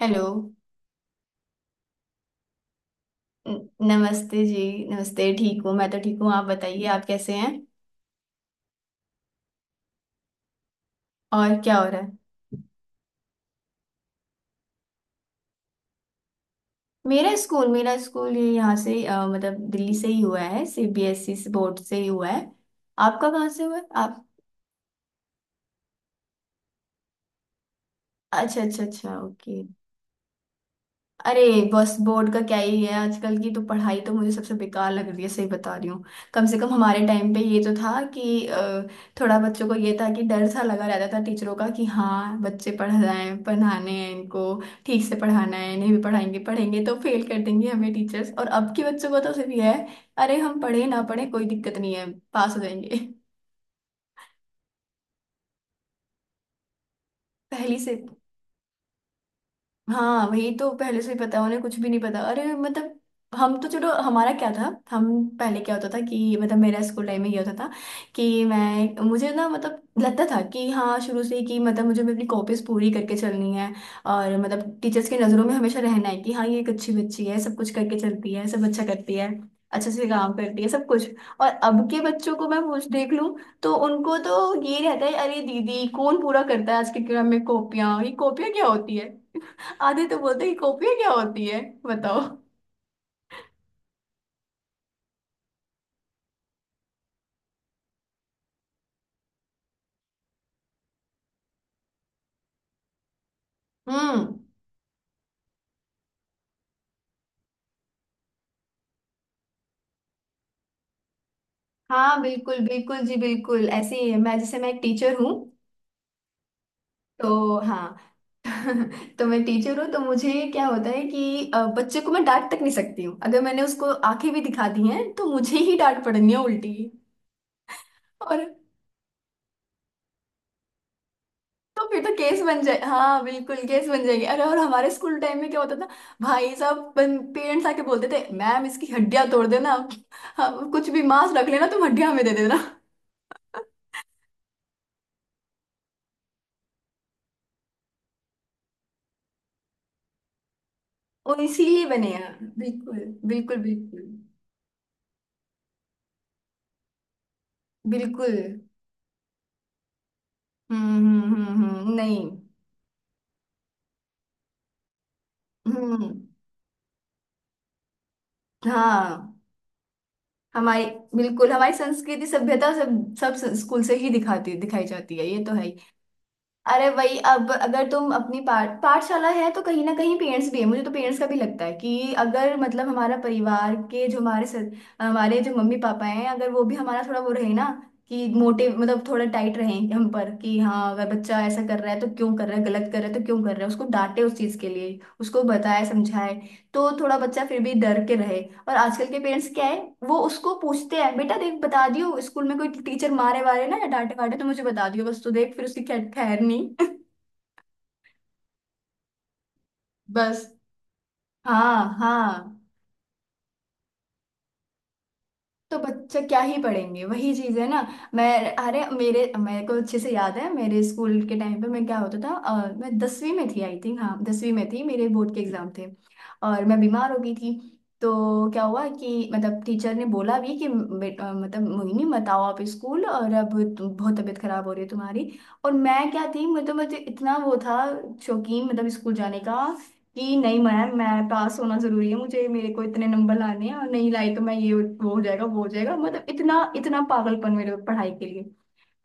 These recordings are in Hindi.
हेलो। नमस्ते जी। नमस्ते, ठीक हूँ। मैं तो ठीक हूँ, आप बताइए आप कैसे हैं? और क्या हो रहा है? मेरा स्कूल ये यहाँ से मतलब दिल्ली से ही हुआ है, सीबीएसई बोर्ड से ही हुआ है। आपका कहाँ से हुआ है आप? अच्छा अच्छा अच्छा, ओके। अरे बस, बोर्ड का क्या ही है, आजकल की तो पढ़ाई तो मुझे सबसे बेकार लग रही है, सही बता रही हूँ। कम से कम हमारे टाइम पे ये तो था कि थोड़ा बच्चों को ये था कि डर सा लगा रहता था टीचरों का, कि हाँ बच्चे पढ़ रहे हैं, पढ़ाने हैं इनको, ठीक से पढ़ाना है। नहीं भी पढ़ाएंगे पढ़ेंगे तो फेल कर देंगे हमें टीचर्स। और अब के बच्चों का तो सिर्फ ये है, अरे हम पढ़े ना पढ़े कोई दिक्कत नहीं है, पास हो जाएंगे। पहली से। हाँ वही तो, पहले से ही पता, उन्हें कुछ भी नहीं पता। अरे मतलब हम तो, चलो हमारा क्या था। हम, पहले क्या होता था कि, मतलब मेरा स्कूल टाइम में ये होता था कि मैं मुझे ना, मतलब लगता था कि हाँ शुरू से ही कि मतलब मुझे अपनी कॉपीज पूरी करके चलनी है, और मतलब टीचर्स की नज़रों में हमेशा रहना है कि हाँ ये एक अच्छी बच्ची है, सब कुछ करके चलती है, सब अच्छा करती है, अच्छे से काम करती है, सब कुछ। और अब के बच्चों को मैं पूछ देख लूँ तो उनको तो ये रहता है, अरे दीदी कौन पूरा करता है आज के क्रम में कॉपियाँ, ये कॉपियाँ क्या होती है। आधे तो बोलते हैं कॉपियाँ क्या होती है बताओ। हम्म। हाँ बिल्कुल बिल्कुल जी, बिल्कुल ऐसे ही है। मैं, जैसे मैं एक टीचर हूँ, तो हाँ। तो मैं टीचर हूँ, तो मुझे क्या होता है कि बच्चे को मैं डांट तक नहीं सकती हूँ, अगर मैंने उसको आंखें भी दिखा दी हैं तो मुझे ही डांट पड़नी है उल्टी। और, तो फिर तो केस बन जाए, हाँ बिल्कुल केस बन जाएगी। अरे और हमारे स्कूल टाइम में क्या होता था, भाई साहब पेरेंट्स आके बोलते थे मैम इसकी हड्डियां तोड़ देना। हाँ, कुछ भी, मांस रख लेना तुम, हड्डियां हमें दे देना। और इसीलिए बने हैं, बिल्कुल। बिल्कुल बिल्कुल बिल्कुल। नहीं। हम्म। हाँ हमारी, बिल्कुल हमारी संस्कृति सभ्यता सब, सब स्कूल से ही दिखाती दिखाई जाती है, ये तो है। अरे वही, अब अगर तुम अपनी पाठशाला है तो कहीं ना कहीं पेरेंट्स भी है। मुझे तो पेरेंट्स का भी लगता है कि अगर मतलब हमारा परिवार के जो हमारे हमारे जो मम्मी पापा हैं, अगर वो भी हमारा थोड़ा वो रहे ना, कि मोटे मतलब थोड़ा टाइट रहे हम पर, कि हाँ अगर बच्चा ऐसा कर रहा है तो क्यों कर रहा है, गलत कर रहा है तो क्यों कर रहा है, उसको डांटे उस चीज के लिए, उसको बताए समझाए, तो थोड़ा बच्चा फिर भी डर के रहे। और आजकल के पेरेंट्स क्या है, वो उसको पूछते हैं बेटा देख बता दियो स्कूल में कोई टीचर मारे वारे ना या डांटे वाटे तो मुझे बता दियो, बस तू देख फिर उसकी खैर खैर नहीं। बस। हाँ हाँ। तो बच्चे क्या ही पढ़ेंगे, वही चीज है ना। मैं, अरे मेरे मेरे को अच्छे से याद है, मेरे स्कूल के टाइम पे मैं, क्या होता था मैं दसवीं में थी आई थिंक, हाँ 10वीं में थी, मेरे बोर्ड के एग्जाम थे और मैं बीमार हो गई थी। तो क्या हुआ कि, मतलब टीचर ने बोला भी कि मतलब मोहिनी मत आओ आप स्कूल, और अब बहुत तबीयत खराब हो रही है तुम्हारी। और मैं क्या थी, मतलब मुझे इतना वो था, शौकीन मतलब स्कूल जाने का, कि नहीं मैम मैं पास होना जरूरी है, मुझे मेरे को इतने नंबर लाने हैं और नहीं लाई तो मैं ये, वो हो जाएगा, वो हो जाएगा, मतलब इतना इतना पागलपन मेरे पढ़ाई के लिए।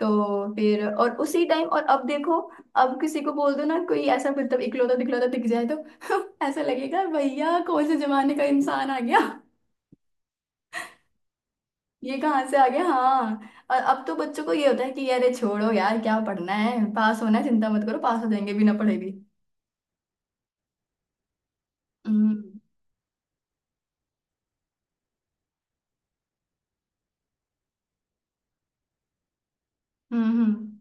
तो फिर और उसी टाइम, और अब देखो, अब किसी को बोल दो ना कोई ऐसा मतलब इकलौता दिखलौता दिख जाए तो ऐसा लगेगा भैया कौन से जमाने का इंसान आ गया, ये कहाँ से आ गया, हाँ। और अब तो बच्चों को ये होता है कि अरे छोड़ो यार क्या पढ़ना है, पास होना है, चिंता मत करो पास हो जाएंगे बिना पढ़े भी। हम्म हम्म।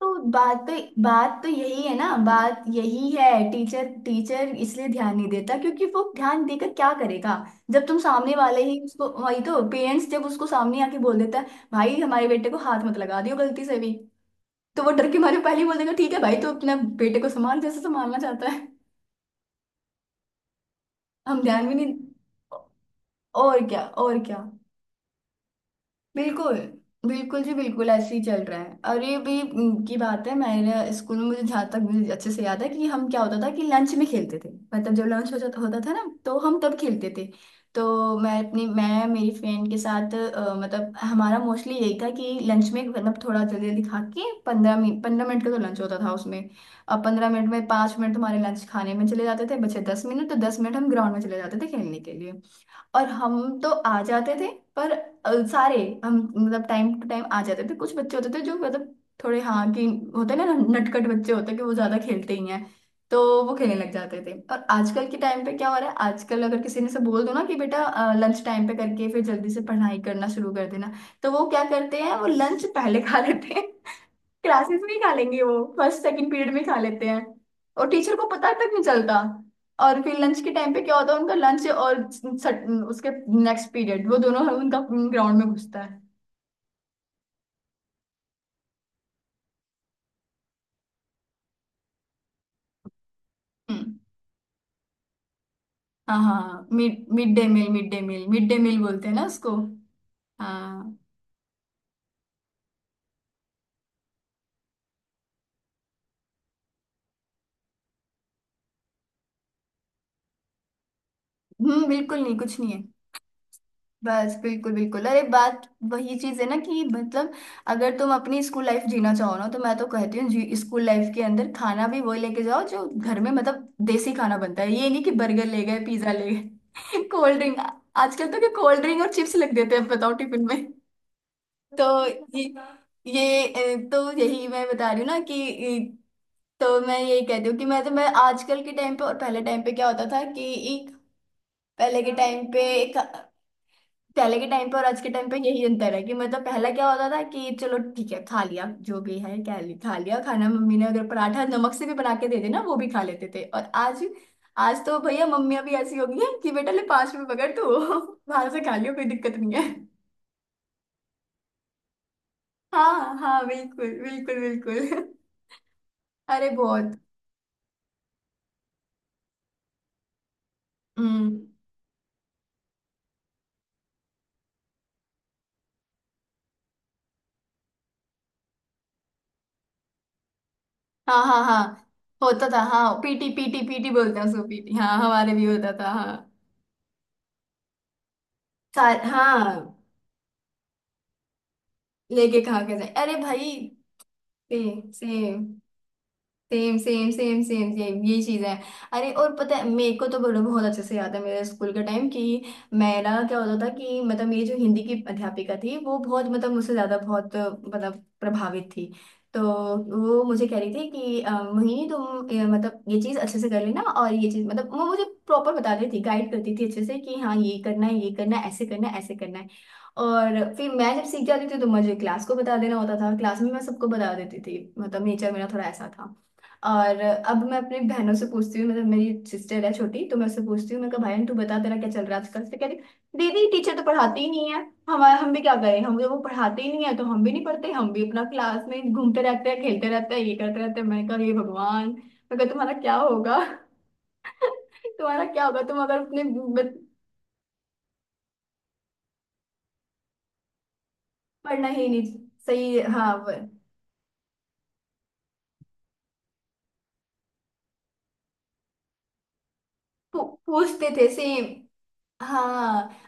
तो बात, यही है ना, बात यही है, टीचर टीचर इसलिए ध्यान नहीं देता क्योंकि वो ध्यान देकर क्या करेगा। जब तुम सामने वाले ही उसको, वही तो पेरेंट्स जब उसको सामने आके बोल देता है भाई हमारे बेटे को हाथ मत लगा दियो गलती से भी, तो वो डर के मारे पहले ही बोल देगा ठीक है भाई तो अपने बेटे को संभाल, जैसे संभालना चाहता है। हम ध्यान भी नहीं। और क्या, और क्या। बिल्कुल बिल्कुल जी, बिल्कुल ऐसे ही चल रहा है। अरे भी की बात है, मैंने स्कूल में, मुझे जहाँ तक मुझे अच्छे से याद है कि हम, क्या होता था कि लंच में खेलते थे। मतलब जब लंच हो जाता होता था ना तो हम तब खेलते थे। तो मैं अपनी, मैं मेरी फ्रेंड के साथ मतलब हमारा मोस्टली यही था कि लंच में मतलब थोड़ा जल्दी जल्दी खा के, 15 मिनट, 15 मिनट का तो लंच होता था उसमें। अब 15 मिनट में 5 मिनट हमारे लंच खाने में चले जाते थे, बचे 10 मिनट, तो 10 मिनट हम ग्राउंड में चले जाते थे खेलने के लिए। और हम तो आ जाते थे, पर सारे, हम मतलब टाइम टू टाइम आ जाते थे, कुछ बच्चे होते थे जो मतलब थोड़े, हाँ कि, होते ना नटखट बच्चे होते हैं कि वो ज्यादा खेलते ही हैं, तो वो खेलने लग जाते थे। और आजकल के टाइम पे क्या हो रहा है, आजकल अगर किसी ने से बोल दो ना कि बेटा लंच टाइम पे करके फिर जल्दी से पढ़ाई करना शुरू कर देना, तो वो क्या करते हैं वो लंच पहले खा लेते हैं, क्लासेस में ही खा लेंगे, वो फर्स्ट सेकंड पीरियड में खा लेते हैं और टीचर को पता तक नहीं चलता। और फिर लंच के टाइम पे क्या होता है, उनका लंच और उसके नेक्स्ट पीरियड वो दोनों उनका ग्राउंड में घुसता है। हम्म, हाँ हाँ, mid mid day meal, mid day meal, mid day meal बोलते हैं ना उसको। हाँ। हम्म। बिल्कुल, नहीं कुछ नहीं है। बस बिल्कुल बिल्कुल, अरे बात वही चीज है ना, कि मतलब अगर तुम अपनी स्कूल लाइफ जीना चाहो ना तो मैं तो कहती हूँ जी स्कूल लाइफ के अंदर खाना भी वही लेके जाओ जो घर में मतलब देसी खाना बनता है। ये नहीं कि बर्गर ले गए पिज्जा ले गए कोल्ड ड्रिंक। आजकल तो क्या कोल्ड ड्रिंक और चिप्स लग देते हैं बताओ टिफिन में। तो ये, तो यही मैं बता रही हूँ ना कि अ, तो मैं यही कहती हूँ कि, मैं तो, मैं आजकल के टाइम पे और पहले टाइम पे, क्या होता था कि पहले के टाइम पे एक पहले के टाइम पे और आज के टाइम पे यही अंतर है कि मतलब पहला क्या होता था कि चलो ठीक है खा लिया जो भी है, खा लिया खाना, मम्मी ने अगर पराठा नमक से भी बना के दे देना वो भी खा लेते थे। और आज, आज तो भैया मम्मियां भी ऐसी हो गई हैं कि बेटा ले 5 रुपए पकड़ तू बाहर से खा लियो कोई दिक्कत नहीं है। हाँ हाँ, बिल्कुल बिल्कुल बिल्कुल। अरे बहुत। हम्म। हाँ हाँ हाँ, होता था हाँ, पीटी पीटी पीटी बोलते हैं उसको, पीटी, हाँ हमारे भी होता था हाँ। सार हाँ, लेके खा के जाए, अरे भाई। Same same. Same same same same same, ये चीजें हैं। अरे और पता है, मेरे को तो बोलो बहुत अच्छे से याद है मेरे स्कूल का टाइम, कि मेरा क्या होता था कि मतलब मेरी जो हिंदी की अध्यापिका थी वो बहुत मतलब मुझसे ज्यादा बहुत मतलब प्रभावित थी। तो वो मुझे कह रही थी कि मोहिनी तुम मतलब ये चीज अच्छे से कर लेना और ये चीज, मतलब वो मुझे प्रॉपर बता रही थी, गाइड करती थी अच्छे से, कि हाँ ये करना है, ये करना है, ऐसे करना है, ऐसे करना है। और फिर मैं जब सीख जाती थी तो मुझे क्लास को बता देना होता था, क्लास में मैं सबको बता देती थी, मतलब नेचर मेरा थोड़ा ऐसा था। और अब मैं अपनी बहनों से पूछती हूँ, मतलब मेरी सिस्टर है छोटी, तो मैं उससे पूछती हूँ, मैं कहा बहन तू बता तेरा क्या चल रहा है आजकल, तो कह रही दीदी टीचर तो पढ़ाते ही नहीं है, हमारे हम भी क्या करें, हम वो पढ़ाते ही नहीं है तो हम भी नहीं पढ़ते, हम भी अपना क्लास में घूमते रहते हैं खेलते रहते हैं ये करते रहते हैं। मैंने कहा ये भगवान, मैं कहा तुम्हारा क्या होगा, तुम्हारा क्या होगा, तुम अगर अपने पढ़ना ही नहीं, सही हाँ पूछते थे सेम। हाँ।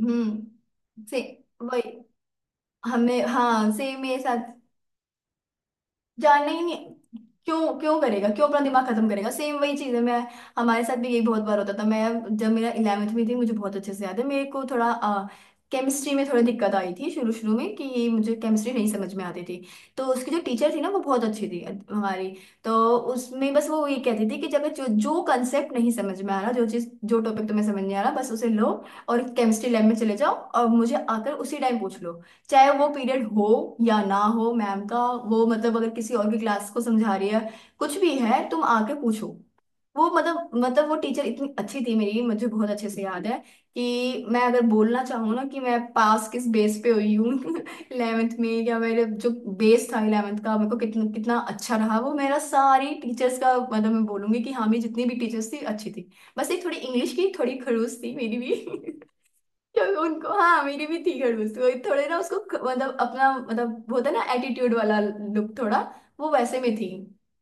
से वही। हमें हाँ सेम मेरे साथ। जानना ही नहीं। क्यों क्यों करेगा क्यों अपना दिमाग खत्म करेगा। सेम वही चीज है। मैं हमारे साथ भी यही बहुत बार होता था। मैं जब मेरा इलेवेंथ में थी मुझे बहुत अच्छे से याद है। मेरे को थोड़ा केमिस्ट्री में थोड़ी दिक्कत आई थी शुरू शुरू में कि ये मुझे केमिस्ट्री नहीं समझ में आती थी। तो उसकी जो टीचर थी ना वो बहुत अच्छी थी हमारी। तो उसमें बस वो ये कहती थी कि जब जो जो कंसेप्ट नहीं समझ में आ रहा जो चीज जो टॉपिक तुम्हें समझ नहीं आ रहा बस उसे लो और केमिस्ट्री लैब में चले जाओ और मुझे आकर उसी टाइम पूछ लो। चाहे वो पीरियड हो या ना हो मैम का। वो मतलब अगर किसी और की क्लास को समझा रही है कुछ भी है तुम आके पूछो। वो मतलब वो टीचर इतनी अच्छी थी मेरी मुझे बहुत अच्छे से याद है कि मैं अगर बोलना चाहूँ ना कि मैं पास किस बेस पे हुई हूँ इलेवेंथ में या मेरे जो बेस था इलेवेंथ का मेरे को कितना कितना अच्छा रहा वो मेरा सारी टीचर्स का मतलब मैं बोलूंगी कि हाँ मेरी जितनी भी टीचर्स थी अच्छी थी। बस एक थोड़ी इंग्लिश की थोड़ी खड़ूस थी मेरी भी क्योंकि उनको हाँ मेरी भी थी खड़ूस वही थोड़े ना उसको मतलब अपना मतलब वो होता है ना एटीट्यूड वाला लुक थोड़ा। वो वैसे में थी।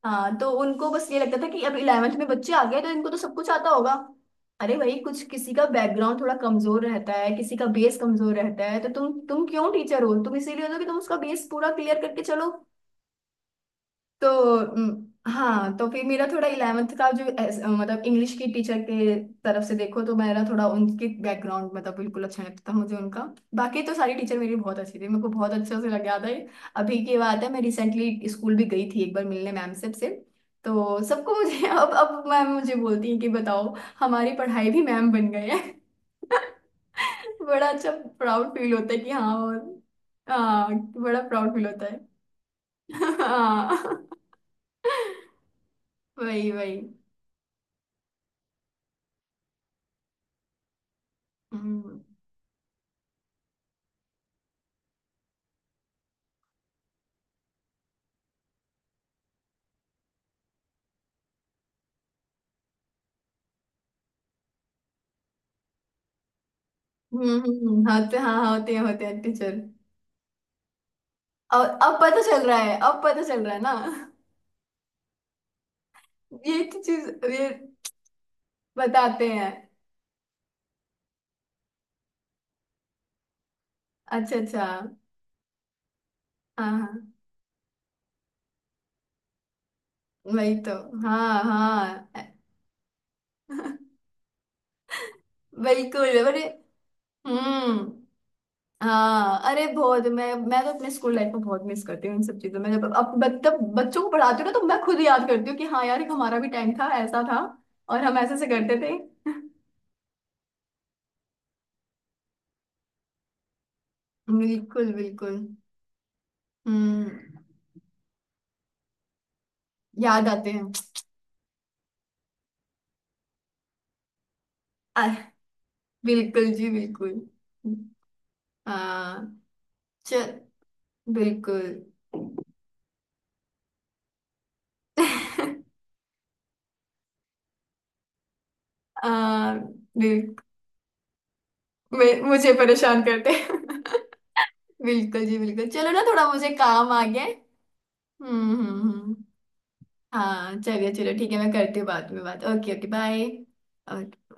हाँ तो उनको बस ये लगता था कि अब इलेवेंथ में बच्चे आ गए तो इनको तो सब कुछ आता होगा। अरे भाई कुछ किसी का बैकग्राउंड थोड़ा कमजोर रहता है किसी का बेस कमजोर रहता है तो तुम क्यों टीचर हो तुम इसीलिए हो ना कि तुम उसका बेस पूरा क्लियर करके चलो। तो हाँ। तो फिर मेरा थोड़ा इलेवेंथ का जो मतलब इंग्लिश की टीचर के तरफ से देखो तो मेरा थोड़ा उनके बैकग्राउंड मतलब बिल्कुल अच्छा नहीं लगता था मुझे उनका। बाकी तो सारी टीचर मेरी बहुत अच्छी थी मेरे को बहुत अच्छा से लग गया था ये। अभी की बात है मैं रिसेंटली स्कूल भी गई थी एक बार मिलने मैम से। तो सबको मुझे अब मैम मुझे बोलती है कि बताओ हमारी पढ़ाई भी मैम बन गए हैं बड़ा अच्छा प्राउड फील होता है कि हाँ। और हाँ। बड़ा प्राउड फील होता है हाँ वही वही। हम्म होते हाँ होते हैं टीचर। और अब पता चल रहा है अब पता चल रहा है ना ये तो चीज ये बताते हैं। अच्छा अच्छा। हाँ हाँ वही तो। हाँ हाँ बिल्कुल अरे। हम्म। हाँ अरे बहुत मैं तो अपने स्कूल लाइफ को बहुत मिस करती हूँ इन सब चीजों में जब अब मतलब बच्चों को पढ़ाती हूँ ना तो मैं खुद याद करती हूँ कि हाँ यार एक हमारा भी टाइम था ऐसा था और हम ऐसे से करते थे बिल्कुल बिल्कुल। हम्म। याद आते हैं। आ, बिल्कुल जी बिल्कुल। आ, चल बिल्कुल आ, बिल्कुल मुझे परेशान करते हैं। बिल्कुल जी बिल्कुल। चलो ना थोड़ा मुझे काम आ गया है। हम्म। हाँ चलिए चलो ठीक है मैं करती हूँ बाद में बात। Okay okay bye.